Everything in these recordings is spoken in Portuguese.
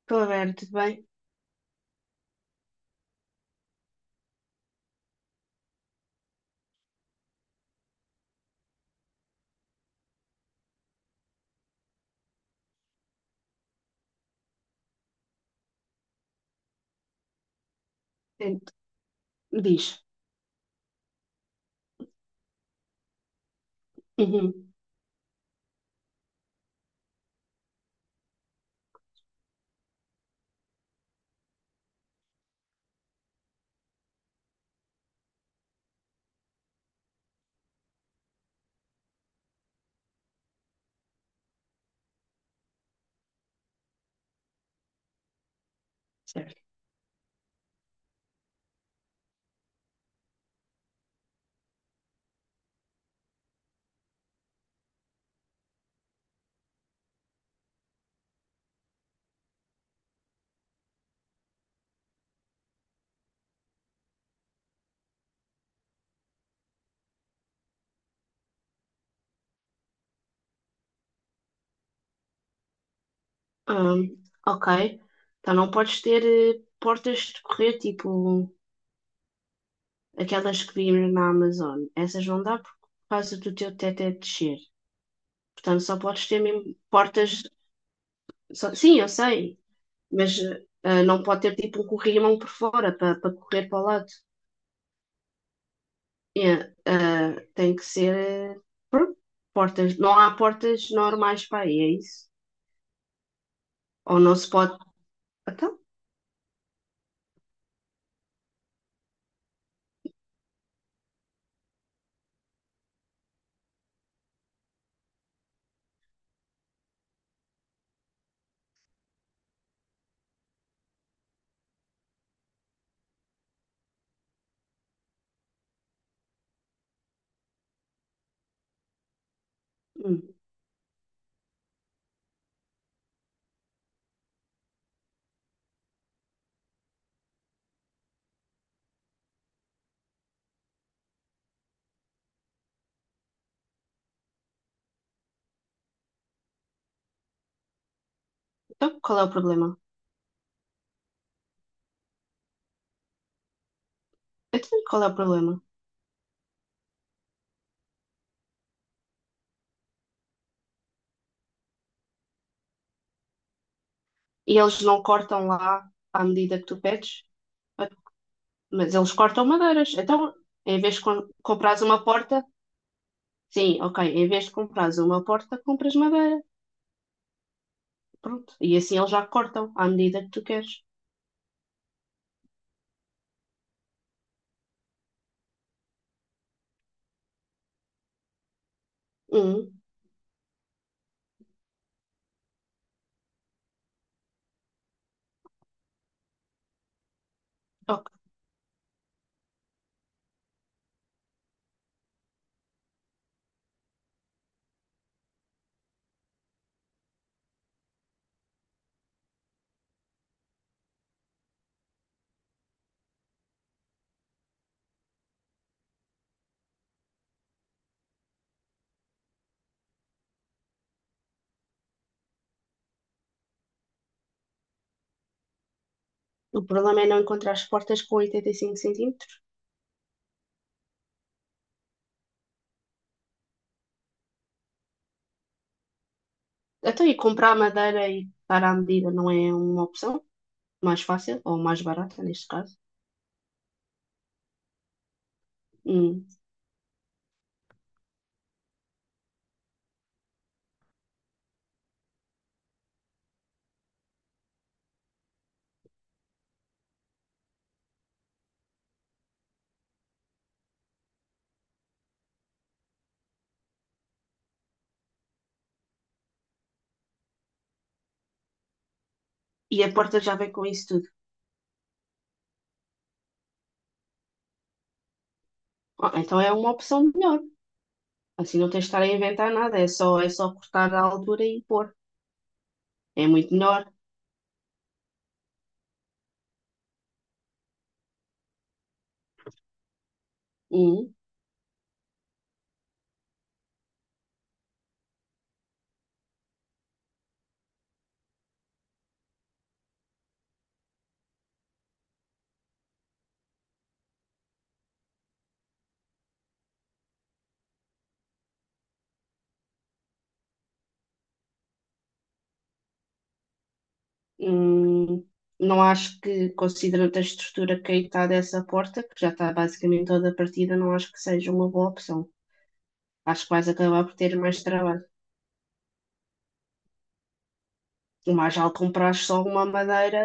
Estou a ver, tudo bem? Ent- Diz. Uhum, certo. Hum, ok. Então não podes ter portas de correr, tipo aquelas que vimos na Amazon. Essas não dá por causa do teu teto é descer. Portanto, só podes ter mesmo portas. Sim, eu sei, mas não pode ter tipo um corrimão por fora para correr para o lado. É, tem que ser pronto, portas. Não há portas normais para aí, é isso? Ou não se pode. Então? Hum, Então, qual é o problema? Então, qual é o problema? E eles não cortam lá à medida que tu pedes? Mas eles cortam madeiras. Então, em vez de comprares uma porta, sim, ok. Em vez de comprares uma porta, compras madeira. Pronto. E assim eles já cortam à medida que tu queres. Hum, ok. O problema é não encontrar as portas com 85 centímetros. Até e comprar madeira e dar à medida não é uma opção mais fácil ou mais barata, neste caso. Hum. E a porta já vem com isso tudo. Ah, então é uma opção melhor. Assim não tens de estar a inventar nada. É só cortar a altura e pôr. É muito melhor. Hum. Hum, não acho que, considerando a estrutura que aí está dessa porta, que já está basicamente toda partida, não acho que seja uma boa opção. Acho que vais acabar por ter mais trabalho. O mais vale comprar só uma madeira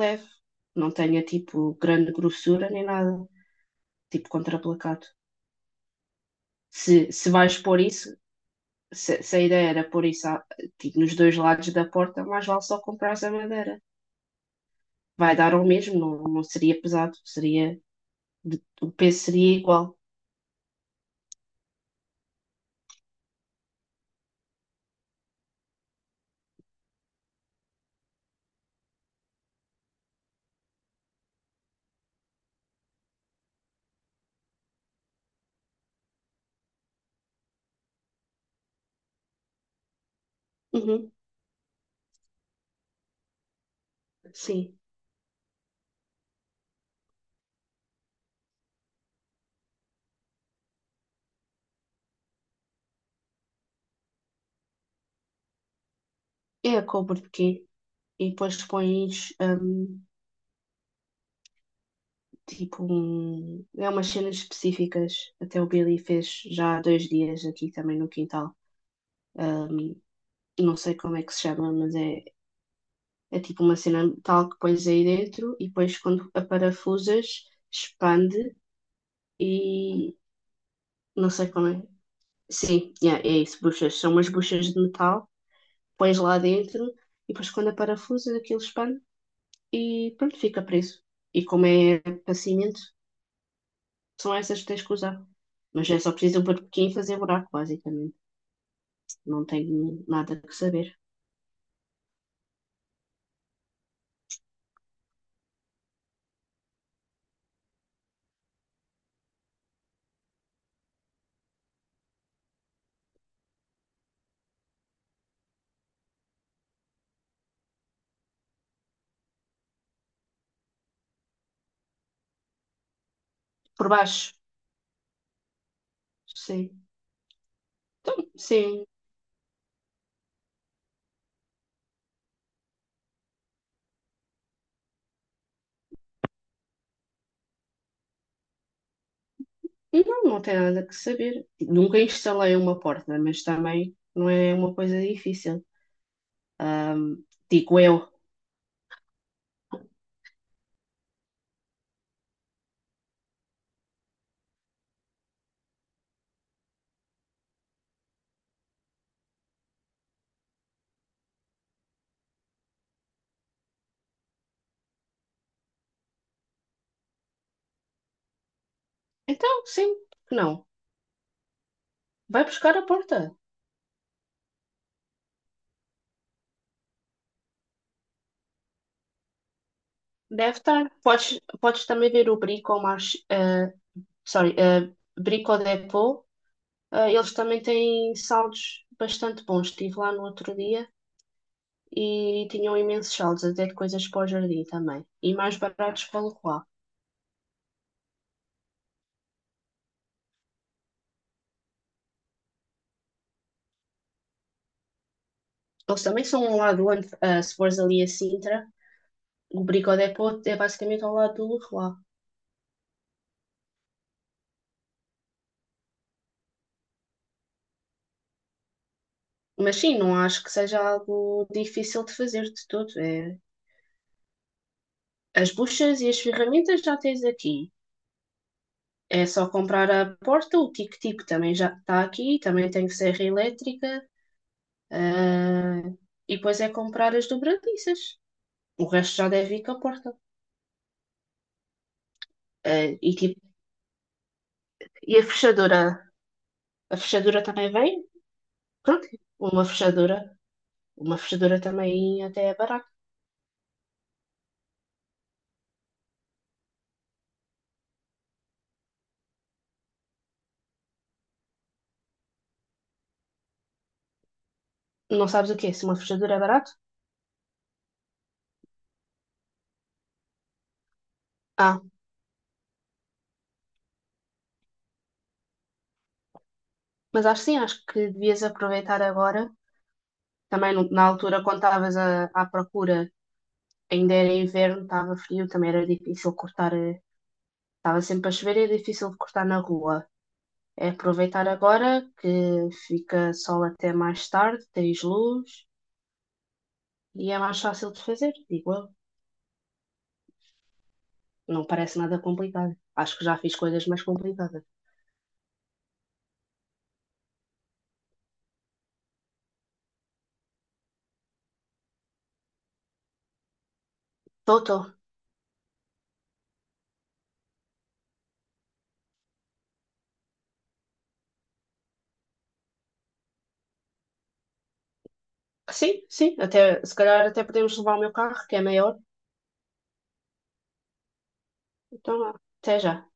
leve, que não tenha tipo grande grossura nem nada, tipo contraplacado. Se vais pôr isso, se a ideia era pôr isso tipo, nos dois lados da porta, mais vale só comprar a madeira. Vai dar ao mesmo, não, não seria pesado, seria, o peso seria igual. Uhum, sim. É a couve de quê? E depois pões tipo um, é umas cenas específicas. Até o Billy fez já há dois dias aqui também no quintal. Não sei como é que se chama, mas é, é tipo uma cena tal que pões aí dentro e depois quando a parafusas expande e não sei como é. Sim, yeah, é isso, buchas. São umas buchas de metal, pões lá dentro e depois quando a parafusas aquilo expande e pronto, fica preso. E como é para cimento, são essas que tens que usar. Mas é só preciso um porquinho e fazer buraco, basicamente. Não tenho nada que saber. Por baixo? Sim. Sim. Não, não tem nada que saber. Nunca instalei uma porta, mas também não é uma coisa difícil. Ahm, digo eu. Então, sim, que não. Vai buscar a porta. Deve estar. Podes, podes também ver o Brico ao March, sorry, Brico Dépôt. Eles também têm saldos bastante bons. Estive lá no outro dia e tinham imensos saldos, até de coisas para o jardim também. E mais baratos para o lá. Eles também são ao lado, onde, ah, se fores ali a Sintra, o Brico Dépôt é basicamente ao lado do Leroy. Mas sim, não acho que seja algo difícil de fazer de todo. É, as buchas e as ferramentas já tens aqui. É só comprar a porta, o tic-tic também já está aqui, também tem serra elétrica. ah, e depois é comprar as dobradiças. O resto já deve ir com a porta. Ah, e, tipo, e a fechadura? A fechadura também vem? Pronto, uma fechadura. Uma fechadura também até é barato. Não sabes o quê? Se uma fechadura é barato? Ah, mas acho sim, acho que devias aproveitar agora. Também na altura, quando à procura, ainda era inverno, estava frio, também era difícil cortar. Estava sempre a chover e é difícil de cortar na rua. É aproveitar agora que fica sol até mais tarde, tens luz e é mais fácil de fazer, digo eu. Não parece nada complicado. Acho que já fiz coisas mais complicadas. Tô, tô. Sim, sim, até, se calhar até podemos levar o meu carro, que é maior. Então, até já.